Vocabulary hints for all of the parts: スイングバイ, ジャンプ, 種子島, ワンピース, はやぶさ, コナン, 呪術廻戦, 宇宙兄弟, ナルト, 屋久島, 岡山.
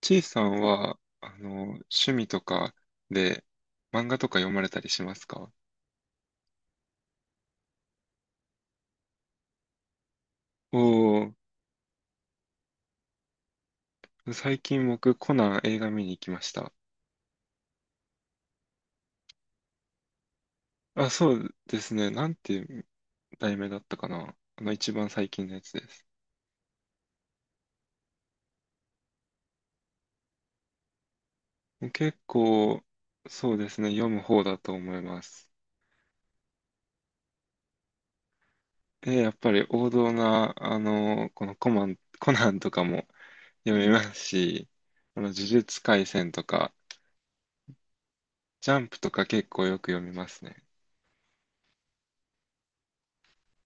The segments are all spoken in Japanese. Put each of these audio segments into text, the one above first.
ちいさんは、趣味とかで漫画とか読まれたりしますか？おおー、最近僕コナン映画見に行きました。あ、そうですね。なんていう題名だったかな。一番最近のやつです。結構、そうですね。読む方だと思います。で、やっぱり王道な、このコナンとかも読みますし、呪術廻戦とか、ジャンプとか結構よく読みますね。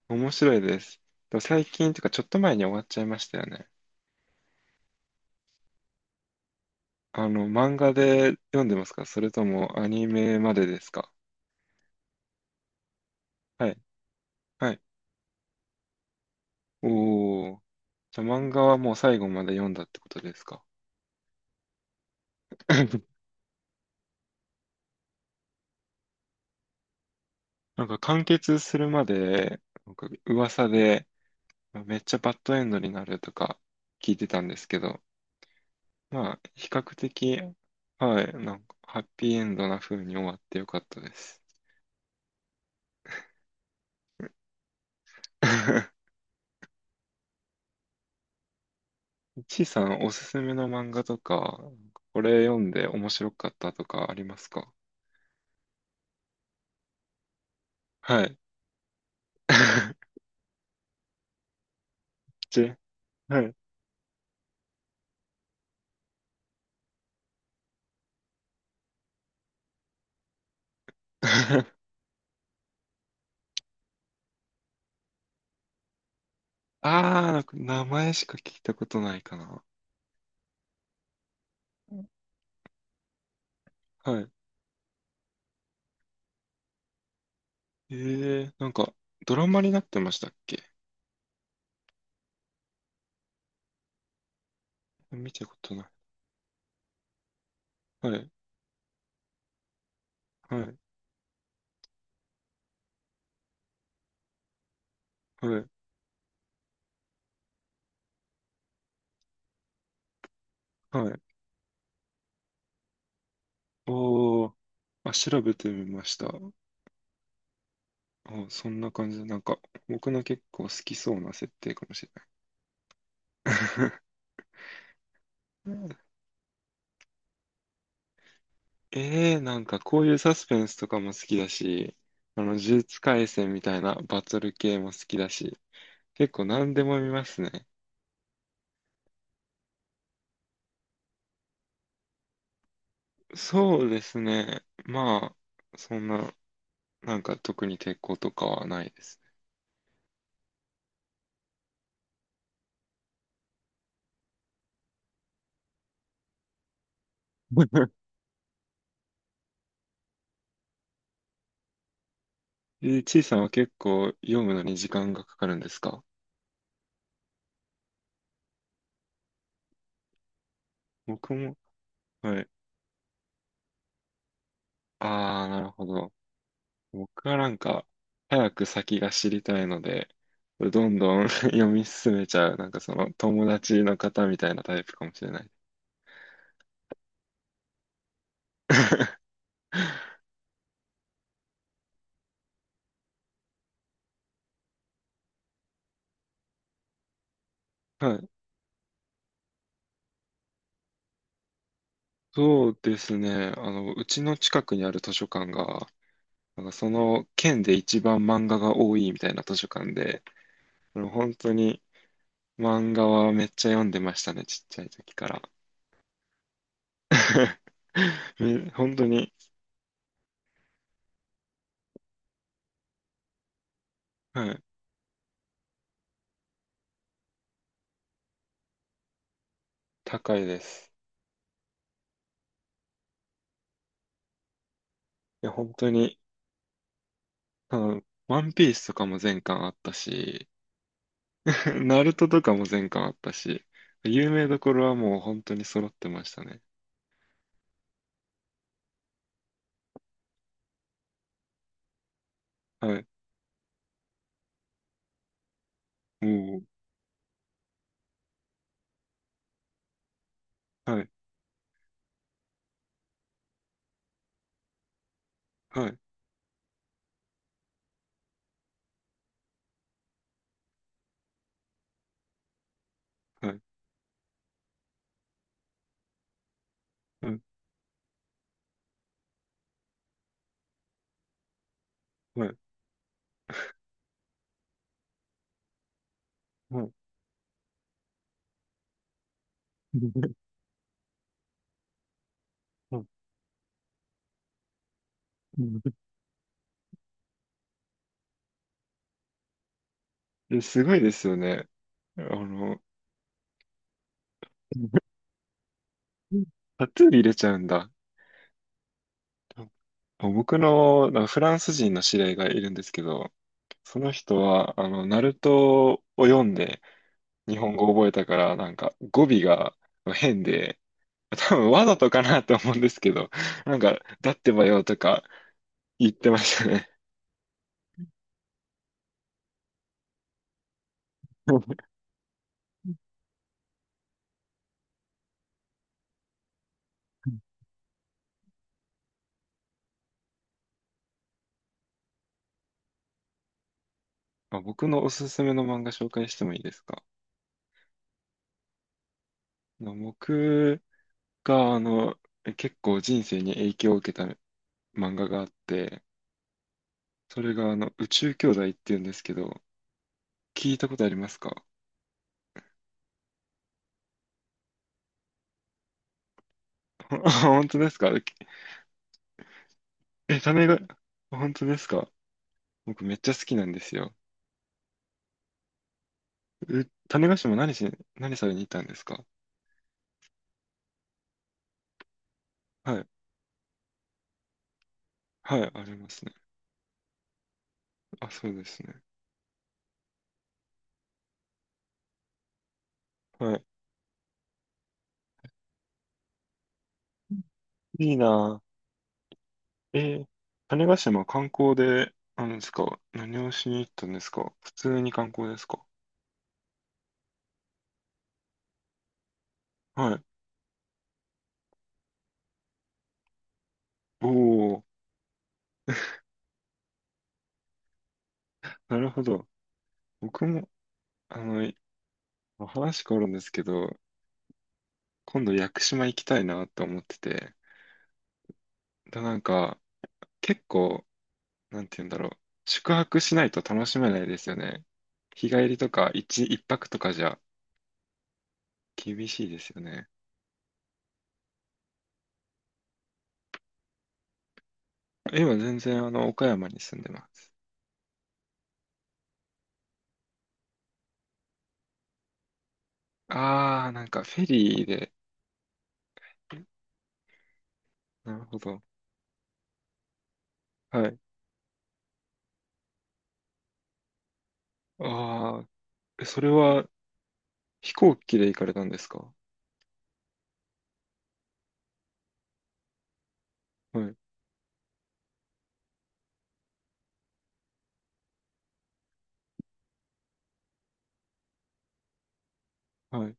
面白いです。でも最近というかちょっと前に終わっちゃいましたよね。漫画で読んでますか、それともアニメまでですか？はい。はい。おー。じゃあ漫画はもう最後まで読んだってことですか？なんか完結するまで、なんか噂でめっちゃバッドエンドになるとか聞いてたんですけど、まあ、比較的、はい、なんかハッピーエンドな風に終わってよかったです。ちいさん、おすすめの漫画とか、これ読んで面白かったとかありますか？はい。ち、はい。あー、なんか名前しか聞いたことないかな。はい。えなんか、ドラマになってましたっけ？見たことない。はい、はい、はい、はい。おー、あ、調べてみました。あ、そんな感じで、なんか、僕の結構好きそうな設定かもしれない。ええ、なんかこういうサスペンスとかも好きだし、呪術廻戦みたいなバトル系も好きだし、結構何でも見ますね。そうですね。まあ、そんな、なんか特に抵抗とかはないですね。え、ちいさんは結構読むのに時間がかかるんですか？僕も、はい。ああ、なるほど。僕はなんか、早く先が知りたいので、どんどん 読み進めちゃう、なんかその友達の方みたいなタイプかもしれない。はい。そうですね。うちの近くにある図書館が、なんかその県で一番漫画が多いみたいな図書館で、本当に漫画はめっちゃ読んでましたね、ちっちゃい時から。本当に、はい、高いです。いや、本当に、あの、ワンピースとかも全巻あったし、ナルトとかも全巻あったし、有名どころはもう本当に揃ってましたね。はい。もう、はい、はい、はい。はいはい。はい。はいえ、すごいですよね。あの、タトゥー入れちゃうんだ。僕のなんかフランス人の知り合いがいるんですけど、その人は、ナルトを読んで日本語を覚えたから、なんか語尾が変で、多分わざとかなと思うんですけど、なんか、だってばよとか言ってましたね。あ、僕のおすすめの漫画紹介してもいいですか？僕が、結構人生に影響を受けた漫画があって、それが、宇宙兄弟っていうんですけど、聞いたことありますか？あ、 本当ですか？え、本当ですか？僕めっちゃ好きなんですよ。種子島何されに行ったんですか？はい。はい、ありますね。あ、そうですね。はい。いいなぁ。種子島観光で、ですか？何をしに行ったんですか？普通に観光ですか？はい。おー、なるほど。僕も、あの、話変わるんですけど、今度屋久島行きたいなって思ってて、だなんか、結構、なんて言うんだろう、宿泊しないと楽しめないですよね。日帰りとか一泊とかじゃ厳しいですよね。今全然岡山に住んでます。あー、なんかフェリーで、なるほど。はい。あー、えそれは飛行機で行かれたんですか？はい。はい。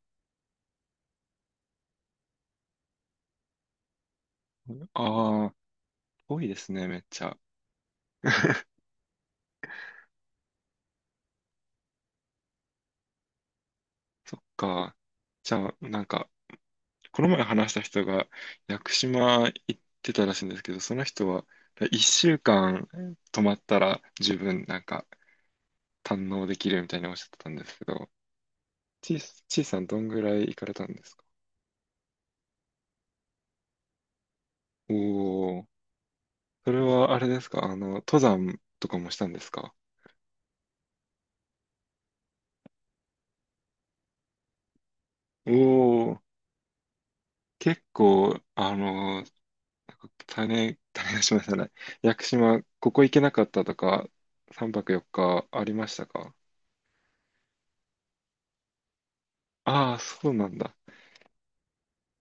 あー、遠いですね、めっちゃ。そっか。じゃあ、なんか、この前話した人が屋久島行ってたらしいんですけど、その人は1週間泊まったら十分なんか堪能できるみたいにおっしゃってたんですけど、ちいさんどんぐらい行かれたんですか？おお、それはあれですか？登山とかもしたんですか？おおー、結構、なんか種出しましたね。屋久島、ここ行けなかったとか、3泊4日ありましたか？ああ、そうなんだ。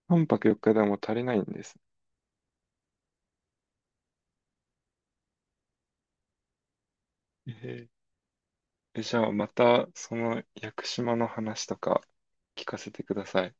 半泊4日でも足りないんです。えーえ、じゃあまたその屋久島の話とか聞かせてください。